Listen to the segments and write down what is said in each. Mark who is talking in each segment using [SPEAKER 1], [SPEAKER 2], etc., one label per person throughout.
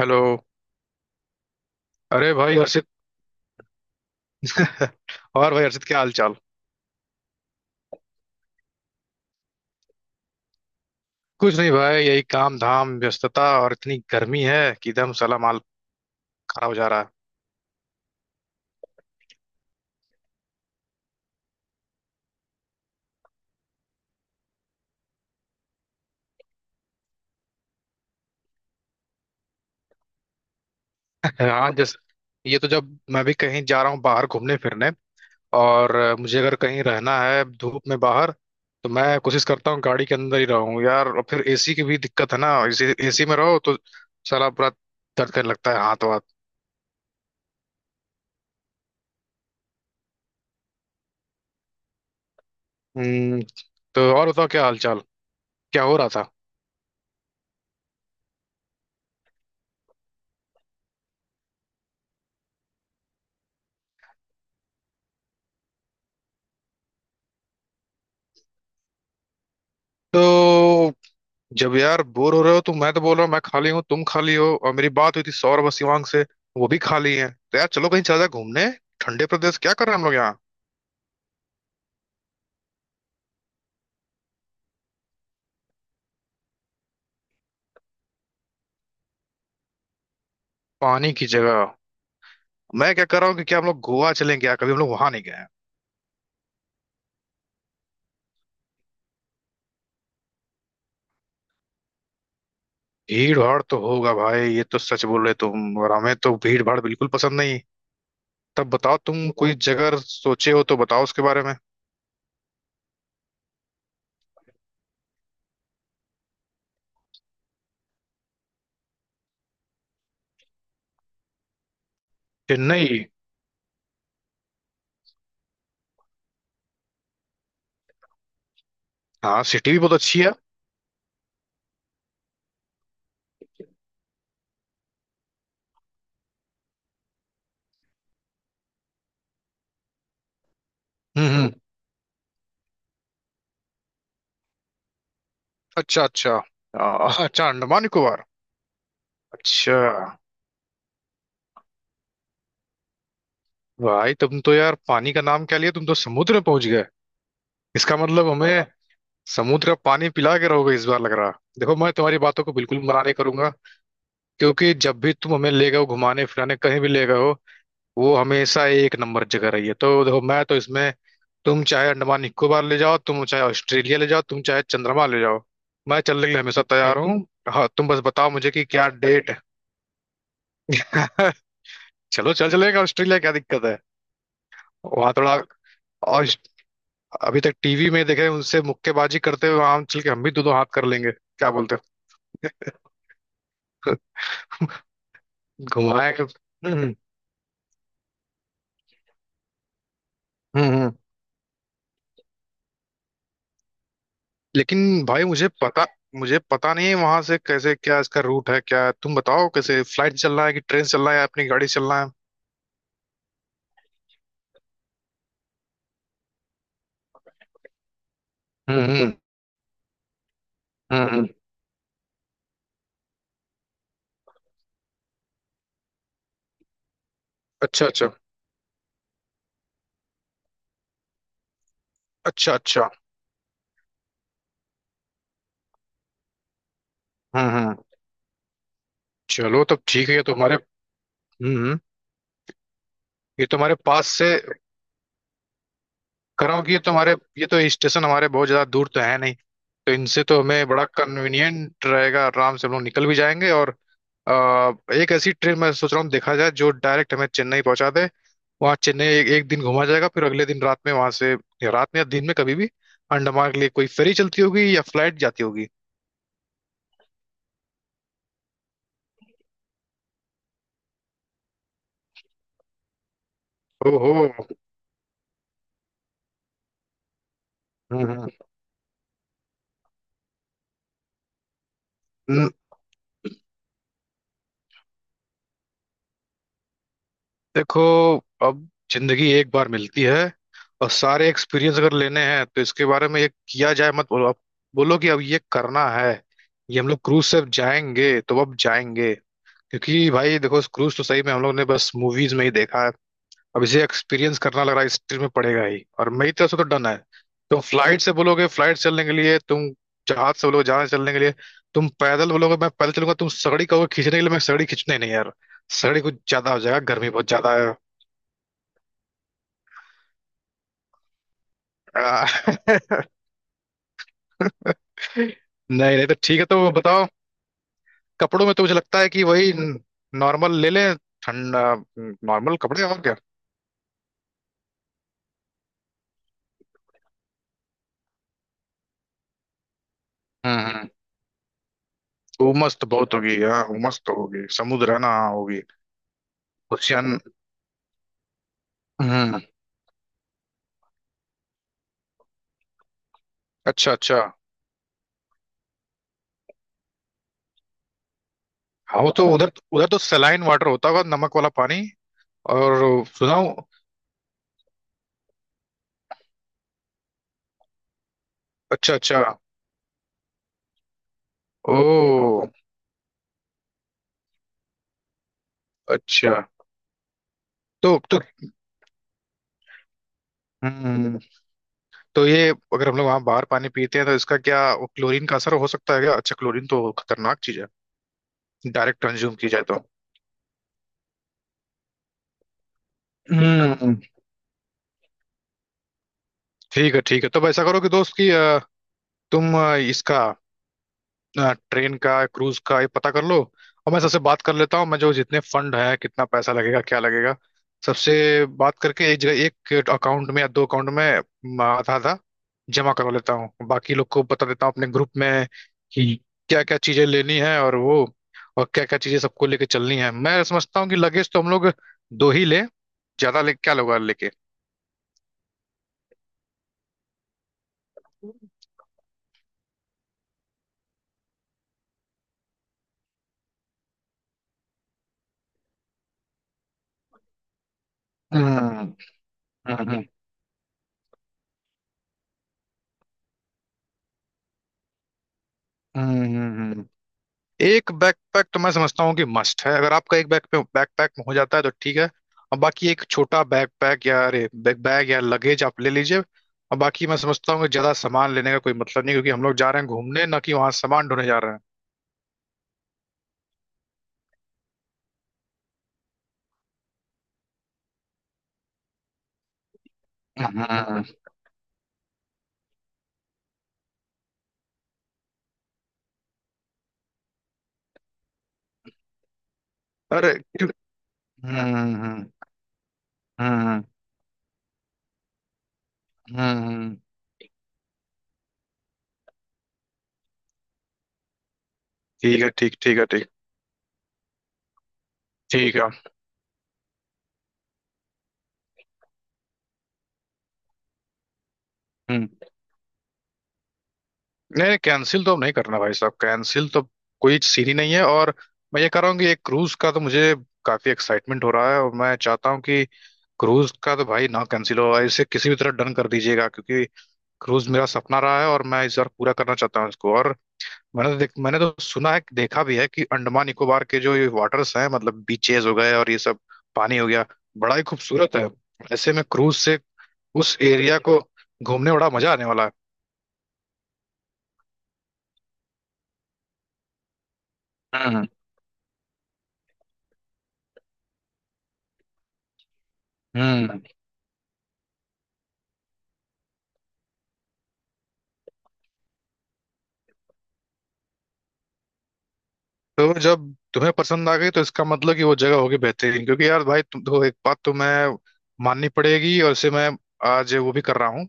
[SPEAKER 1] Hello. अरे भाई और हर्षित। और भाई हर्षित, क्या हाल चाल। कुछ नहीं भाई, यही काम धाम व्यस्तता और इतनी गर्मी है कि एकदम साला माल खराब हो जा रहा है। हाँ जस। ये तो जब मैं भी कहीं जा रहा हूँ बाहर घूमने फिरने। और मुझे अगर कहीं रहना है धूप में बाहर, तो मैं कोशिश करता हूँ गाड़ी के अंदर ही रहूँ यार। और फिर एसी की भी दिक्कत है ना, एसी एसी में रहो तो साला पूरा दर्द करने लगता है हाथ वाथ। हम्म, तो और बताओ, क्या हाल चाल? क्या हो रहा था? तो जब यार बोर हो रहे हो, तो मैं तो बोल रहा हूँ, मैं खाली हूँ तुम खाली हो, और मेरी बात हुई थी सौरभ और शिवांग से। वो भी खाली हैं, तो यार चलो कहीं चला जाए घूमने, ठंडे प्रदेश। क्या कर रहे हैं हम लोग यहाँ। पानी की जगह? मैं क्या कर रहा हूँ कि क्या हम लोग गोवा चलें क्या? कभी हम लोग वहां नहीं गए हैं। भीड़ भाड़ तो होगा भाई, ये तो सच बोल रहे तुम, और हमें तो भीड़ भाड़ बिल्कुल पसंद नहीं। तब बताओ तुम कोई जगह सोचे हो तो, बताओ उसके बारे में। चेन्नई। हाँ, सिटी भी बहुत अच्छी है। हम्म। अच्छा अच्छा। आ, अच्छा, अंडमान निकोबार। अच्छा, भाई तुम तो यार पानी का नाम क्या लिया, तुम तो समुद्र में पहुंच गए। इसका मतलब हमें समुद्र का पानी पिला के रहोगे इस बार, लग रहा। देखो, मैं तुम्हारी बातों को बिल्कुल मना नहीं करूंगा। क्योंकि जब भी तुम हमें ले गए हो घुमाने फिराने, कहीं भी ले गए हो, वो हमेशा एक नंबर जगह रही है। तो देखो मैं तो इसमें, तुम चाहे अंडमान निकोबार ले जाओ, तुम चाहे ऑस्ट्रेलिया ले जाओ, तुम चाहे चंद्रमा ले जाओ, मैं चलने के लिए हमेशा तैयार हूँ। हाँ, तुम बस बताओ मुझे कि क्या डेट है। चलो, चल चलेगा ऑस्ट्रेलिया, क्या दिक्कत है। वहां थोड़ा, अभी तक टीवी में देखे उनसे मुक्केबाजी करते हुए, वहां चल के हम भी दो दो हाथ कर लेंगे, क्या बोलते हैं, घुमाए। हम्म। हम्म। हम्म। लेकिन भाई मुझे पता नहीं है वहां से कैसे, क्या इसका रूट है? क्या तुम बताओ कैसे, फ्लाइट चलना है कि ट्रेन चलना है या अपनी गाड़ी चलना है। हम्म। हम्म हम्म। अच्छा अच्छा। अच्छा अच्छा। हम्म। चलो तब ठीक है। हम्म हम्म। ये तो हमारे पास से, कर रहा हूँ कि ये तो स्टेशन हमारे बहुत ज्यादा दूर तो है नहीं। तो इनसे तो हमें बड़ा कन्वीनियंट रहेगा, आराम से हम लोग निकल भी जाएंगे, और एक ऐसी ट्रेन मैं सोच रहा हूँ, देखा जाए जो डायरेक्ट हमें चेन्नई पहुंचा दे। वहाँ चेन्नई एक दिन घुमा जाएगा, फिर अगले दिन रात में वहां से, या रात में या दिन में कभी भी, अंडमान के लिए कोई फेरी चलती होगी या फ्लाइट जाती होगी। ओहो। हम्म हम्म। देखो, अब जिंदगी एक बार मिलती है, और सारे एक्सपीरियंस अगर लेने हैं, तो इसके बारे में ये किया जाए, मत बोलो आप, बोलो कि अब ये करना है। ये हम लोग क्रूज से अब जाएंगे तो अब जाएंगे। क्योंकि भाई देखो, इस क्रूज तो सही में हम लोग ने बस मूवीज में ही देखा है। अब इसे एक्सपीरियंस करना लग रहा है, हिस्ट्री में पड़ेगा ही, और मेरी तरफ से तो डन है। तुम फ्लाइट से बोलोगे, फ्लाइट चलने के लिए, तुम जहाज से बोलोगे, जहाज चलने के लिए, तुम पैदल बोलोगे मैं पैदल चलूंगा, तुम सगड़ी कहोगे खींचने के लिए, मैं सगड़ी खींचने नहीं यार। सगड़ी कुछ ज्यादा हो जाएगा, गर्मी बहुत ज्यादा है। आ, नहीं नहीं, तो ठीक है, तो बताओ। कपड़ों में तो मुझे लगता है कि वही नॉर्मल ले लें, ठंडा। नॉर्मल कपड़े और क्या। हम्म हम्म। उमस तो बहुत होगी, हाँ, उमस तो होगी, समुद्र है ना। हाँ, होगी। ओशियन। हम्म। अच्छा अच्छा। हाँ, वो तो उधर उधर तो सलाइन वाटर होता होगा, नमक वाला पानी। और सुनाओ। अच्छा अच्छा। ओ, अच्छा। तो तो हम्म तो ये, अगर हम लोग वहाँ बाहर पानी पीते हैं तो इसका क्या, वो क्लोरीन का असर हो सकता है क्या? अच्छा, क्लोरीन तो खतरनाक चीज है, डायरेक्ट कंज्यूम की जाए तो। हम्म। ठीक है ठीक है, तब ऐसा करो कि दोस्त कि तुम इसका ट्रेन का, क्रूज का ये पता कर लो। और मैं सबसे बात कर लेता हूँ, मैं जो, जितने फंड है, कितना पैसा लगेगा क्या लगेगा, सबसे बात करके, एक जगह, एक अकाउंट में या दो अकाउंट में आधा आधा जमा करवा लेता हूँ, बाकी लोग को बता देता हूँ अपने ग्रुप में, कि क्या क्या चीजें लेनी है और वो, और क्या क्या चीजें सबको लेके चलनी है। मैं समझता हूँ कि लगेज तो हम लोग दो ही ले, ज्यादा ले क्या लोग लेके। हम्म हम्म। हम्म। एक बैकपैक तो मैं समझता हूँ कि मस्ट है, अगर आपका एक बैकपैक हो जाता है तो ठीक है। और बाकी एक छोटा बैकपैक या, अरे बैग बैग या लगेज आप ले लीजिए, और बाकी मैं समझता हूँ कि ज्यादा सामान लेने का कोई मतलब नहीं, क्योंकि हम लोग जा रहे हैं घूमने, ना कि वहां सामान ढोने जा रहे हैं। हम्म। अरे क्यों- हम्म। हम्म, हम्म। ठीक है ठीक, ठीक है ठीक, ठीक है। हम्म। नहीं, कैंसिल तो अब नहीं करना भाई साहब, कैंसिल तो कोई सीन ही नहीं है। और मैं ये कह रहा हूँ कि एक क्रूज का तो मुझे काफी एक्साइटमेंट हो रहा है, और मैं चाहता हूँ कि क्रूज का तो भाई ना कैंसिल हो, इसे किसी भी तरह डन कर दीजिएगा, क्योंकि क्रूज मेरा सपना रहा है, और मैं इस बार पूरा करना चाहता हूँ इसको। और मैंने तो सुना है देखा भी है कि अंडमान निकोबार के जो ये वाटर्स हैं, मतलब बीचेस हो गए और ये सब पानी हो गया, बड़ा ही खूबसूरत है। ऐसे में क्रूज से उस एरिया को घूमने में बड़ा मजा आने वाला है। हम्म हम्म। तो जब तुम्हें पसंद आ गई, तो इसका मतलब कि वो जगह होगी बेहतरीन। क्योंकि यार भाई तुम तो, एक बात तो मैं माननी पड़ेगी, और इसे मैं आज वो भी कर रहा हूँ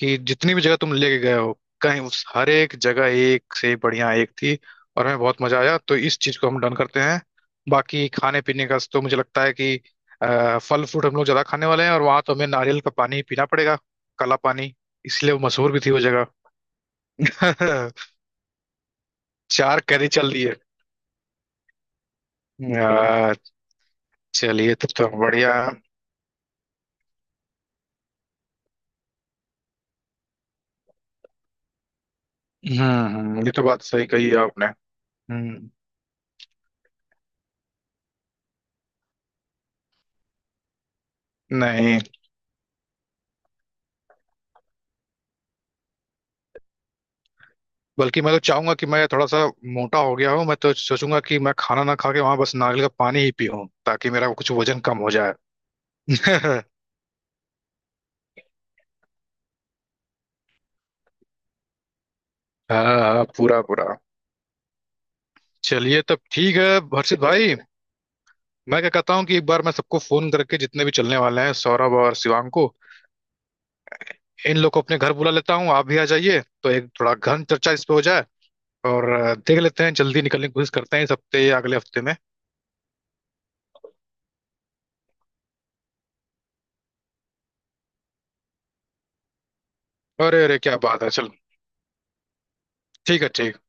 [SPEAKER 1] कि जितनी भी जगह तुम लेके गए हो, कहीं उस हर एक जगह, एक से बढ़िया एक थी, और हमें बहुत मजा आया, तो इस चीज को हम डन करते हैं। बाकी खाने पीने का तो मुझे लगता है कि फल फ्रूट हम लोग ज्यादा खाने वाले हैं, और वहां तो हमें नारियल का पानी पीना पड़ेगा। काला पानी, इसलिए वो मशहूर भी थी वो जगह। चार कैरी चल रही है। अ, चलिए तब तो बढ़िया। ये तो बात सही कही है आपने। हम्म। नहीं, बल्कि मैं तो चाहूंगा कि मैं थोड़ा सा मोटा हो गया हूँ, मैं तो सोचूंगा कि मैं खाना ना खा के वहां बस नारियल का पानी ही पीऊं, ताकि मेरा कुछ वजन कम हो जाए। हाँ हाँ, पूरा पूरा। चलिए तब ठीक है। हर्षित भाई, मैं क्या कहता हूँ कि एक बार मैं सबको फोन करके, जितने भी चलने वाले हैं, सौरभ और शिवांग को, इन लोग को अपने घर बुला लेता हूँ, आप भी आ जाइए तो एक थोड़ा गहन चर्चा इस पे हो जाए। और देख लेते हैं, जल्दी निकलने की कोशिश करते हैं इस हफ्ते या अगले हफ्ते में। अरे अरे, क्या बात है, चलो। ठीक है ठीक है।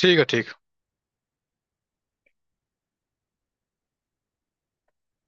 [SPEAKER 1] ठीक है ठीक है।